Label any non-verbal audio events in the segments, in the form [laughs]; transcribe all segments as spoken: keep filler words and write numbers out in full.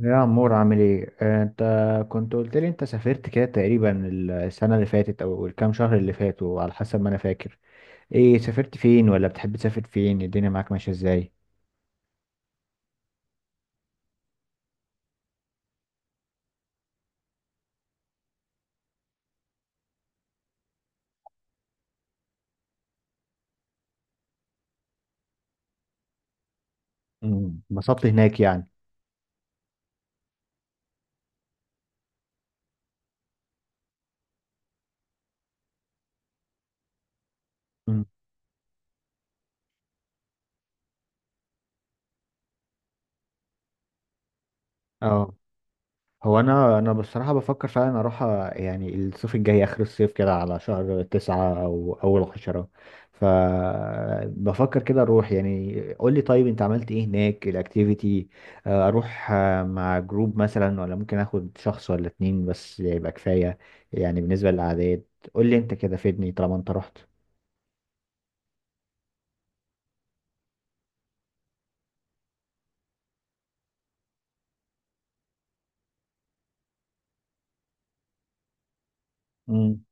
يا عمور، عامل ايه؟ آه، انت كنت قلت لي انت سافرت كده تقريبا السنة اللي فاتت او الكام شهر اللي فاتوا، على حسب ما انا فاكر. ايه، سافرت فين؟ ولا بتحب تسافر فين؟ الدنيا معاك ماشية ازاي؟ مم، اتبسطت هناك يعني؟ مم، اه هو انا انا بصراحه بفكر فعلا اروح، آه، يعني الصيف الجاي اخر الصيف كده، على شهر تسعة او اول عشرة. فبفكر كده اروح، يعني قول لي طيب، انت عملت ايه هناك، الاكتيفيتي؟ آه، اروح آه، مع جروب مثلا، ولا ممكن اخد شخص ولا اتنين بس يبقى كفايه، يعني بالنسبه للاعداد. قول لي انت كده، فيدني طالما انت رحت. امم،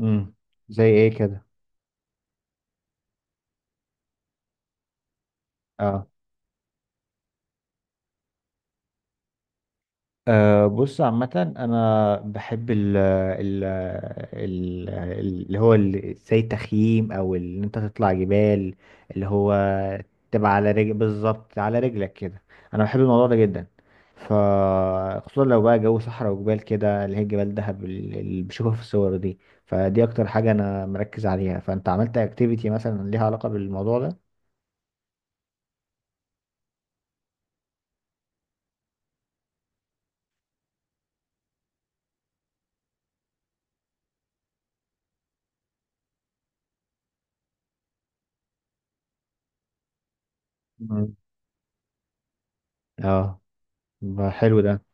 امم. زي ايه كده؟ أه، بص، عامة أنا بحب ال ال ال اللي هو ال- زي التخييم، أو ال- إن أنت تطلع جبال، اللي هو تبقى على رجل، بالظبط على رجلك كده. أنا بحب الموضوع ده جدا. ف خصوصا لو بقى جو صحراء وجبال كده، اللي هي جبال دهب، ال- اللي بشوفها في الصور دي. فدي أكتر حاجة أنا مركز عليها. فأنت عملت أكتيفيتي مثلا ليها علاقة بالموضوع ده؟ مم. اه، يبقى حلو ده.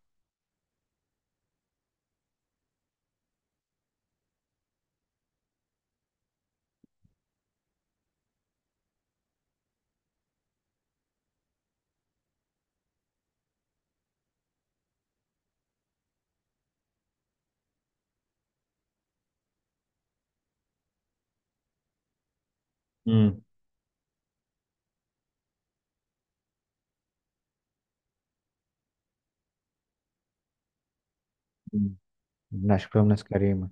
مم. مم. لا، شكلهم ناس كريمة.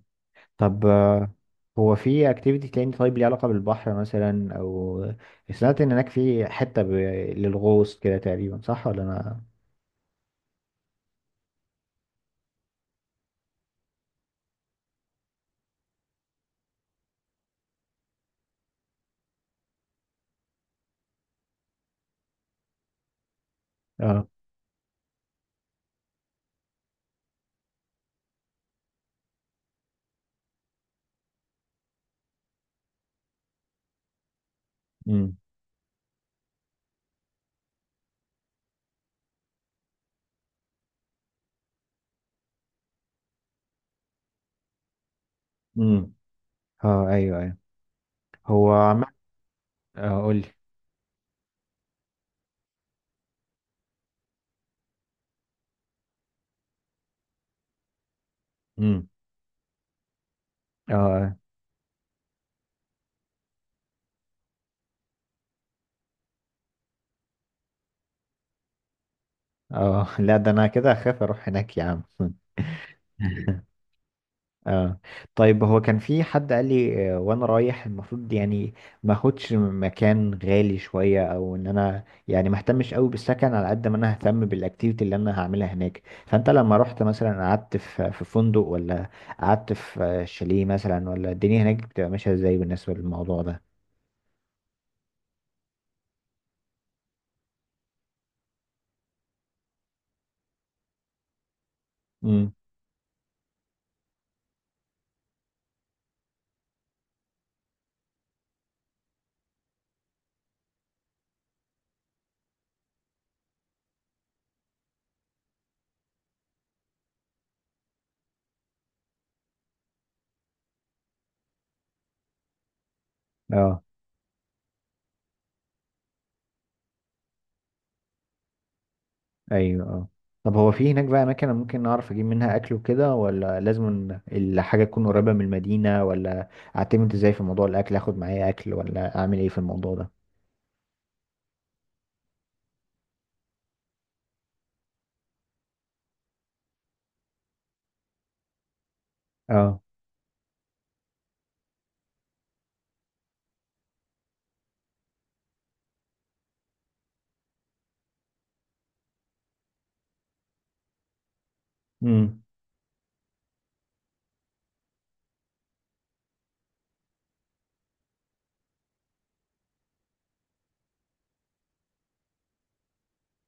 طب، آه، هو في اكتيفيتي تاني طيب ليه علاقة بالبحر مثلا، او سمعت ان هناك في حتة ب... للغوص كده تقريبا، صح ولا انا؟ اه. امم، امم. اه، ايوه، ايوه. هو عم اه، قول لي. امم. اه. اه. [laughs] لا، ده انا كده اخاف اروح هناك، يا عم. [laughs] اه. طيب، هو كان في حد قال لي، آه، وانا رايح المفروض، يعني، ما اخدش مكان غالي شويه، او ان انا يعني ما اهتمش قوي بالسكن على قد ما انا اهتم بالاكتيفيتي اللي انا هعملها هناك. فانت لما رحت مثلا قعدت في في فندق، ولا قعدت في، آه، شاليه مثلا، ولا الدنيا هناك بتبقى ماشيه ازاي بالنسبه للموضوع ده؟ امم. اه، ايوه، اه. طب، هو في هناك بقى اماكن أنا ممكن اعرف اجيب منها اكل وكده، ولا لازم إن الحاجه تكون قريبه من المدينه، ولا اعتمد ازاي في موضوع الاكل؟ اخد معايا اكل، ولا اعمل ايه في الموضوع ده؟ اه. امم.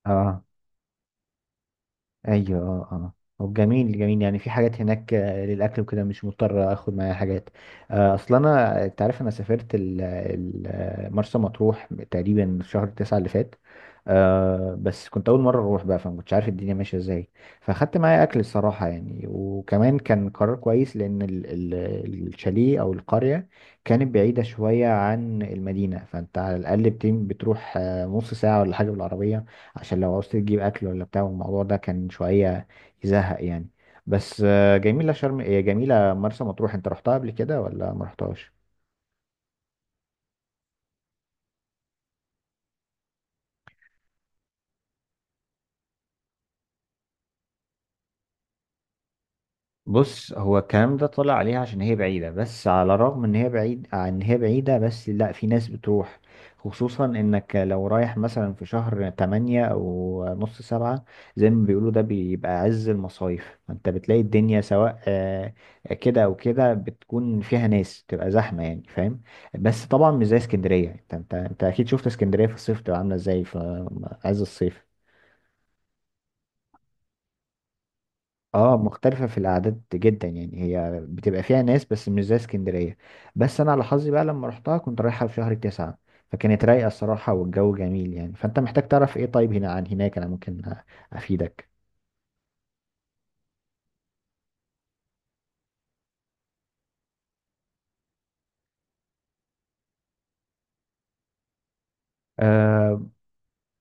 اه، ايوه، اه، اه. طب جميل جميل، يعني في حاجات هناك آه، للاكل وكده، مش مضطر اخد معايا حاجات. آه، اصل انا، انت عارف، انا سافرت ال- ال- آه، مرسى مطروح تقريبا في شهر تسعة اللي فات. آه، بس كنت اول مره اروح بقى، فما كنتش عارف الدنيا ماشيه ازاي. فاخدت معايا اكل الصراحه يعني. وكمان كان قرار كويس، لان ال- ال- الشاليه او القريه كانت بعيده شويه عن المدينه. فانت على الاقل بتم- بتروح آه، نص ساعه ولا حاجه بالعربيه، عشان لو عاوز تجيب اكل، ولا بتاع الموضوع ده كان شويه يزهق يعني. بس آه، جميله شرم، هي جميله مرسى مطروح. انت رحتها قبل كده ولا ما رحتهاش؟ بص، هو الكلام ده طلع عليها عشان هي بعيدة. بس على الرغم ان هي بعيد ان هي بعيدة، بس لا، في ناس بتروح، خصوصا انك لو رايح مثلا في شهر تمانية او نص سبعة، زي ما بيقولوا ده بيبقى عز المصايف. فانت بتلاقي الدنيا سواء، آه، كده او كده، بتكون فيها ناس، بتبقى زحمة يعني، فاهم؟ بس طبعا مش زي اسكندرية. انت انت انت اكيد شفت اسكندرية في الصيف بتبقى عاملة ازاي في عز الصيف. اه، مختلفة في الأعداد جدا يعني، هي بتبقى فيها ناس بس مش زي اسكندرية. بس أنا على حظي بقى لما رحتها كنت رايحة في شهر تسعة، فكانت رايقة الصراحة والجو جميل يعني. فأنت محتاج تعرف ايه طيب هنا عن هناك أنا ممكن أ- أفيدك. آه،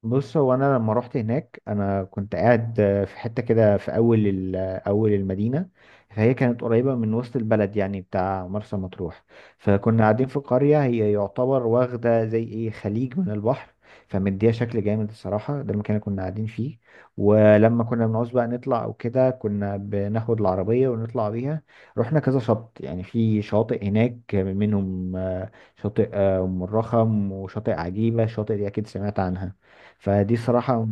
بص، هو انا لما رحت هناك انا كنت قاعد آه، في حته كده في اول ال- آه، اول المدينه. فهي كانت قريبه من وسط البلد يعني بتاع مرسى مطروح. فكنا قاعدين في قريه، هي يعتبر واخده زي ايه خليج من البحر. فمديها شكل جامد الصراحه، ده المكان اللي كنا قاعدين فيه. ولما كنا بنعوز بقى نطلع او كده، كنا بناخد العربيه ونطلع بيها. رحنا كذا شط، يعني في شاطئ هناك منهم، آه، شاطئ، آه، ام الرخم، وشاطئ عجيبه. الشاطئ دي اكيد سمعت عنها. فدي صراحة.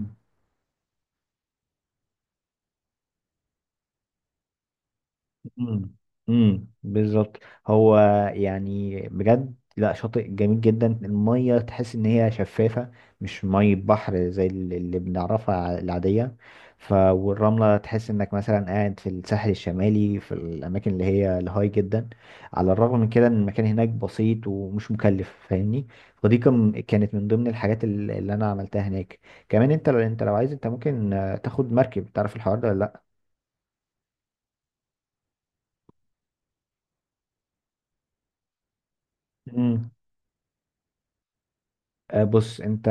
امم. امم، بالظبط. هو يعني بجد، لا، شاطئ جميل جدا. المية تحس ان هي شفافة، مش مية بحر زي ال- اللي بنعرفها ع- العادية. ف والرملة تحس انك مثلا قاعد في الساحل الشمالي في الاماكن اللي هي الهاي جدا، على الرغم من كده ان المكان هناك بسيط ومش مكلف، فاهمني؟ ودي كم- كانت من ضمن الحاجات ال- اللي انا عملتها هناك. كمان انت لو، انت لو عايز، انت ممكن آه، تاخد مركب، تعرف الحوار ده ولا؟ لا، آه، بص، انت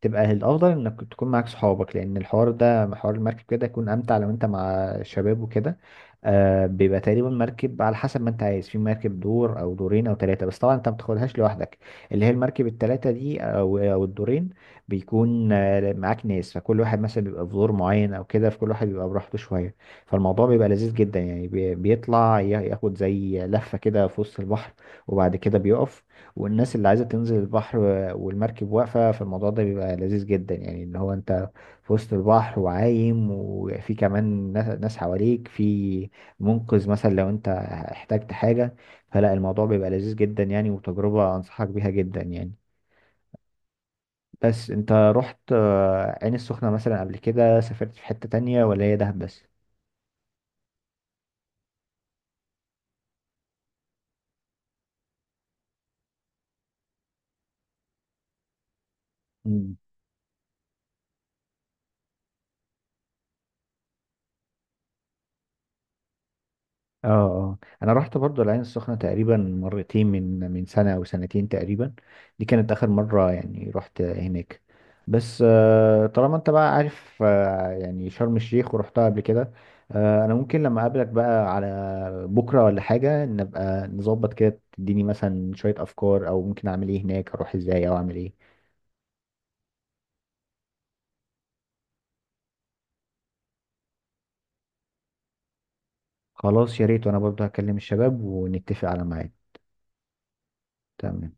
تبقى الافضل انك تكون معاك صحابك، لان الحوار ده حوار المركب كده يكون امتع لو انت مع شباب وكده. آه، بيبقى تقريبا مركب على حسب ما انت عايز، في مركب دور او دورين او ثلاثه. بس طبعا انت ما بتاخدهاش لوحدك، اللي هي المركب الثلاثه دي او او الدورين. بيكون آه، معاك ناس، فكل واحد مثلا بيبقى في دور معين او كده، فكل واحد بيبقى براحته شويه. فالموضوع بيبقى لذيذ جدا يعني، بي- بيطلع، يا- ياخد زي لفه كده في وسط البحر، وبعد كده بيقف، والناس اللي عايزة تنزل البحر والمركب واقفة. فالموضوع ده بيبقى لذيذ جدا يعني، ان هو انت في وسط البحر وعايم، وفي كمان ناس، ناس حواليك، في منقذ مثلا لو انت احتجت حاجة. فلا، الموضوع بيبقى لذيذ جدا يعني، وتجربة انصحك بيها جدا يعني. بس انت رحت آه، عين السخنة مثلا قبل كده، سافرت في حتة تانية ولا هي دهب بس؟ اه، اه، انا رحت برضو العين السخنة تقريبا مرتين، من من سنة او سنتين تقريبا. دي كانت اخر مرة يعني رحت هناك. بس آه، طالما انت بقى عارف، آه، يعني شرم الشيخ ورحتها قبل كده، آه، انا ممكن لما اقابلك بقى على بكرة ولا حاجة نبقى نظبط كده، تديني مثلا شوية افكار او ممكن اعمل ايه هناك، اروح ازاي او اعمل ايه. خلاص، يا ريت، وانا برضو هكلم الشباب ونتفق على ميعاد. تمام.